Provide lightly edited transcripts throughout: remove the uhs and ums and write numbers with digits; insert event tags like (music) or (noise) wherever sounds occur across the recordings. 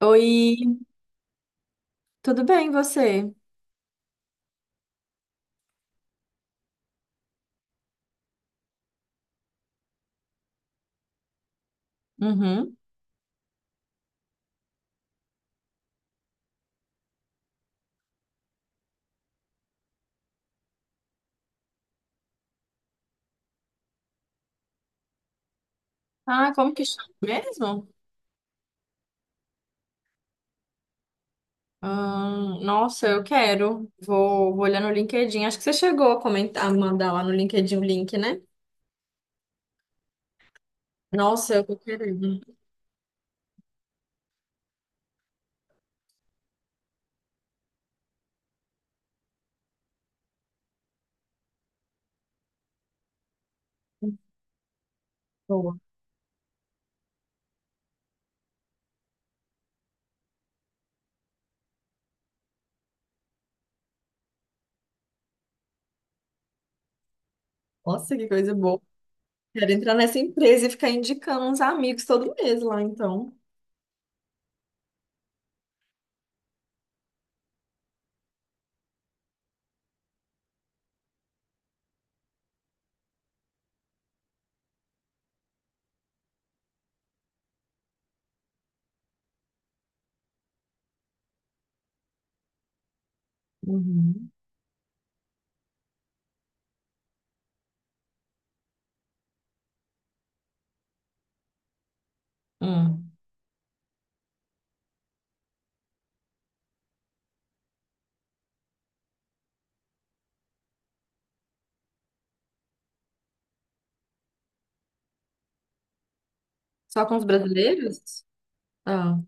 Oi, tudo bem, você? Uhum. Ah, como que chama mesmo? Nossa, eu quero. Vou olhar no LinkedIn. Acho que você chegou a comentar, a mandar lá no LinkedIn o link, né? Nossa, eu tô querendo. Boa. Nossa, que coisa boa. Quero entrar nessa empresa e ficar indicando uns amigos todo mês lá, então. Uhum. Hum. Só com os brasileiros? Ah,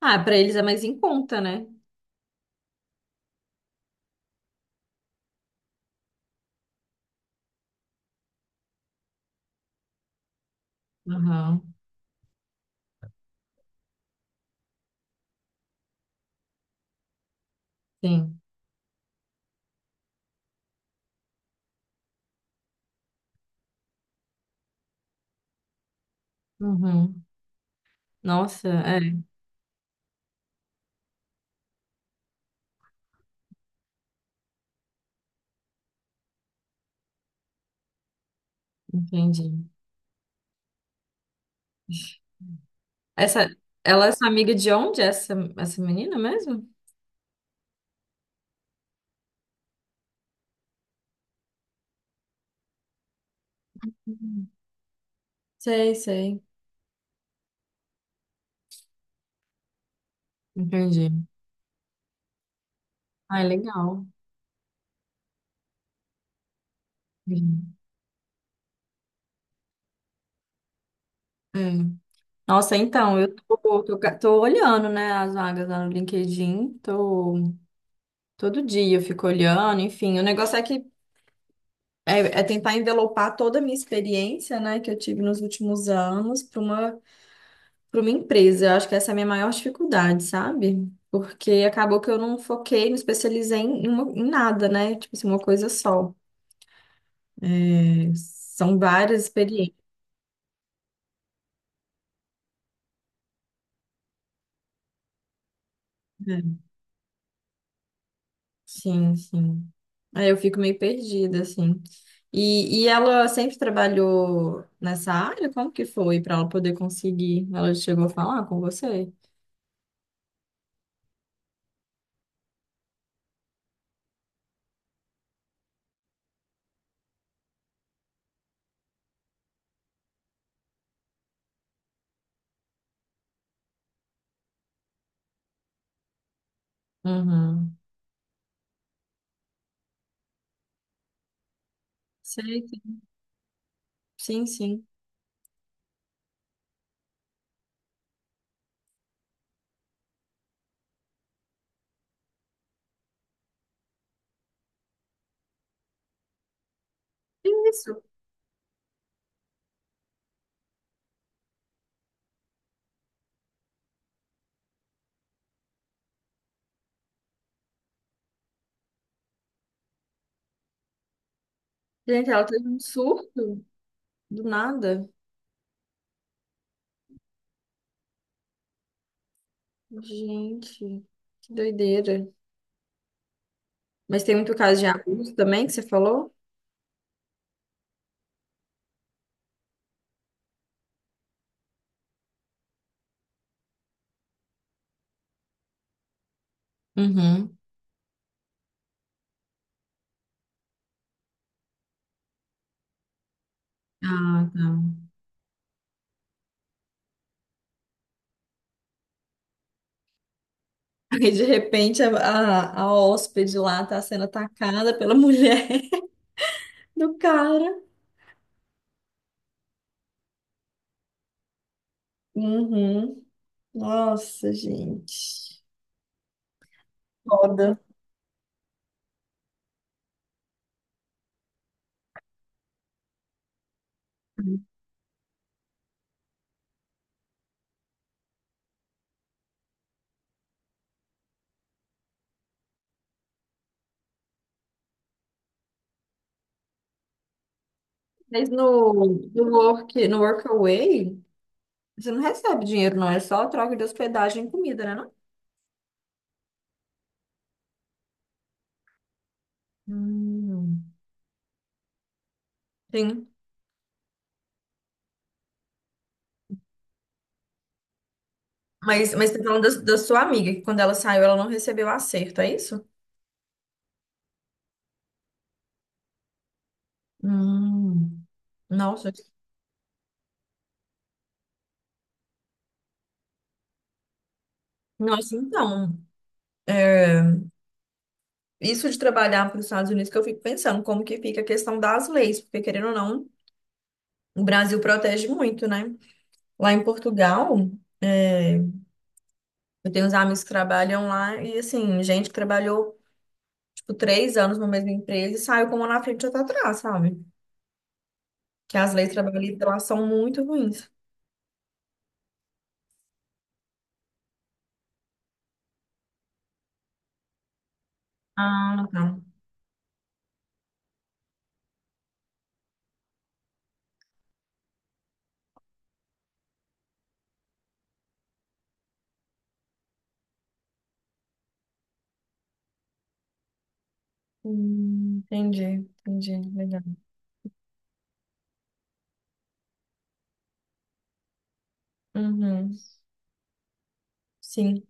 ah, para eles é mais em conta, né? Aham, sim. Uhum. Nossa, é, entendi. Essa, ela é sua amiga de onde? Essa menina mesmo? Uhum. Sei, sei. Entendi. Ah, é legal. Uhum. É. Nossa, então, eu tô olhando, né, as vagas lá no LinkedIn. Tô, todo dia eu fico olhando, enfim. O negócio é que é, é tentar envelopar toda a minha experiência, né, que eu tive nos últimos anos para para uma empresa. Eu acho que essa é a minha maior dificuldade, sabe? Porque acabou que eu não foquei, me especializei em, uma- em nada, né? Tipo assim, uma coisa só. São várias experiências. Né? Sim, sim. Aí eu fico meio perdida, assim. E ela sempre trabalhou nessa área? Como que foi para ela poder conseguir? Ela chegou a falar com você? Uhum. Sei, sei. Sim, sim. Que isso. Gente, ela teve um surto do nada. Gente, que doideira. Mas tem muito caso de abuso também que você falou? Uhum. Ah, tá. Aí, de repente, a hóspede lá tá sendo atacada pela mulher (laughs) do cara. Uhum. Nossa, gente. Foda. Mas no Workaway, você não recebe dinheiro, não. É só troca de hospedagem e comida, né? Não? Hum. Sim. Mas você tá falando da sua amiga, que quando ela saiu, ela não recebeu acerto, é isso? Hum. Nossa. Nossa, então. É, isso de trabalhar para os Estados Unidos que eu fico pensando, como que fica a questão das leis, porque querendo ou não, o Brasil protege muito, né? Lá em Portugal, é, eu tenho uns amigos que trabalham lá e assim, gente que trabalhou tipo três anos numa mesma empresa e saiu com uma na frente e outra atrás, sabe? Que as leis trabalhistas lá são muito ruins. Ah, tá. Entendi, entendi, legal. Uhum, sim.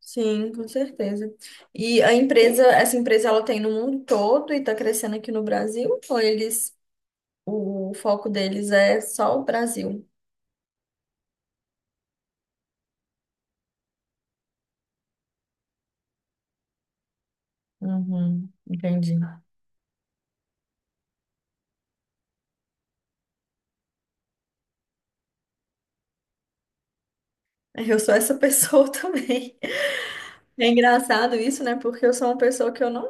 Sim, com certeza. E a empresa, essa empresa ela tem no mundo todo e está crescendo aqui no Brasil, ou eles, o foco deles é só o Brasil? Uhum, entendi. Eu sou essa pessoa (laughs) também. É engraçado isso, né? Porque eu sou uma pessoa que eu não.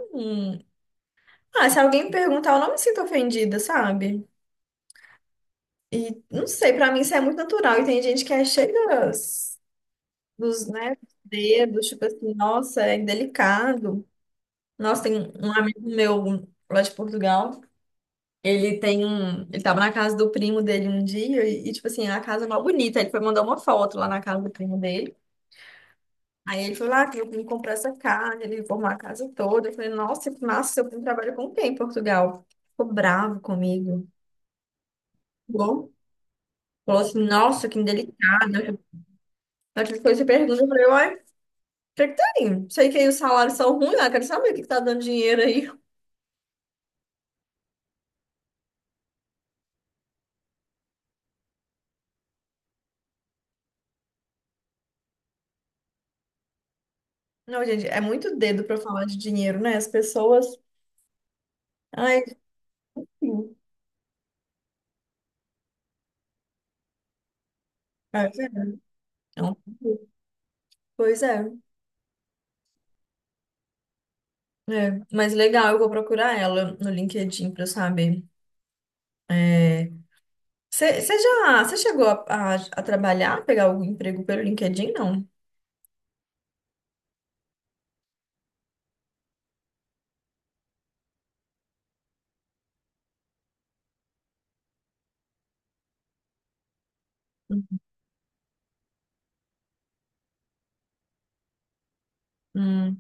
Ah, se alguém me perguntar, eu não me sinto ofendida, sabe? E não sei, pra mim isso é muito natural. E tem gente que é cheia dos, dos, né, dedos, tipo assim, nossa, é delicado. Nossa, tem um amigo meu lá de Portugal. Ele tem um. Ele tava na casa do primo dele um dia e, tipo assim, a casa é mó bonita. Ele foi mandar uma foto lá na casa do primo dele. Aí ele falou, ah, que eu vim comprar essa casa, ele reformou a casa toda. Eu falei, nossa, que seu primo trabalha com quem em Portugal? Ficou bravo comigo. Bom. Falou assim, nossa, que indelicada. Aquela coisa, você pergunta, eu falei, uai, pra que tá indo? Sei que aí os salários são ruins, ah, quero saber o que que tá dando dinheiro aí. Não, gente, é muito dedo pra falar de dinheiro, né? As pessoas. Ai, sim. É, verdade. É um- pouco. Pois é. É, mas legal, eu vou procurar ela no LinkedIn pra eu saber. Você já, você chegou a trabalhar, pegar algum emprego pelo LinkedIn? Não. Hum,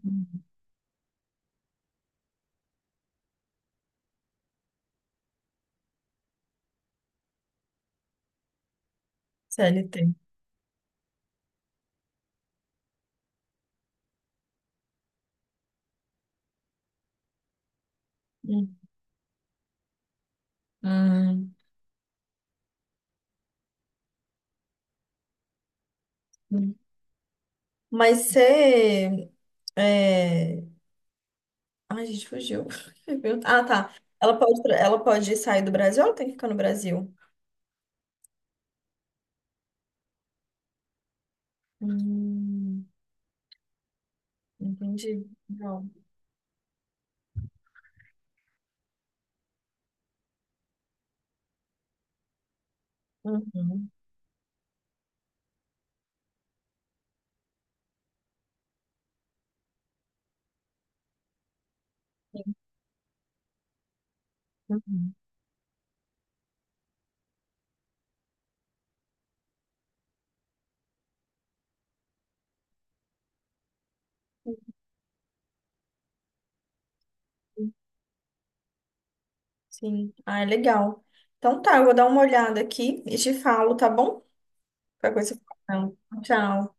CLT. Hum, hum, hum. Mas você. É... Ai, gente, fugiu. (laughs) Ah, tá. Ela pode, tra- ela pode sair do Brasil ou ela tem que ficar no Brasil? Hum, entendi. Não. Uhum, uhum. Uhum. Sim. Ah, é legal. Então tá, eu vou dar uma olhada aqui e te falo, tá bom? Qualquer coisa. Eu falo. Tchau.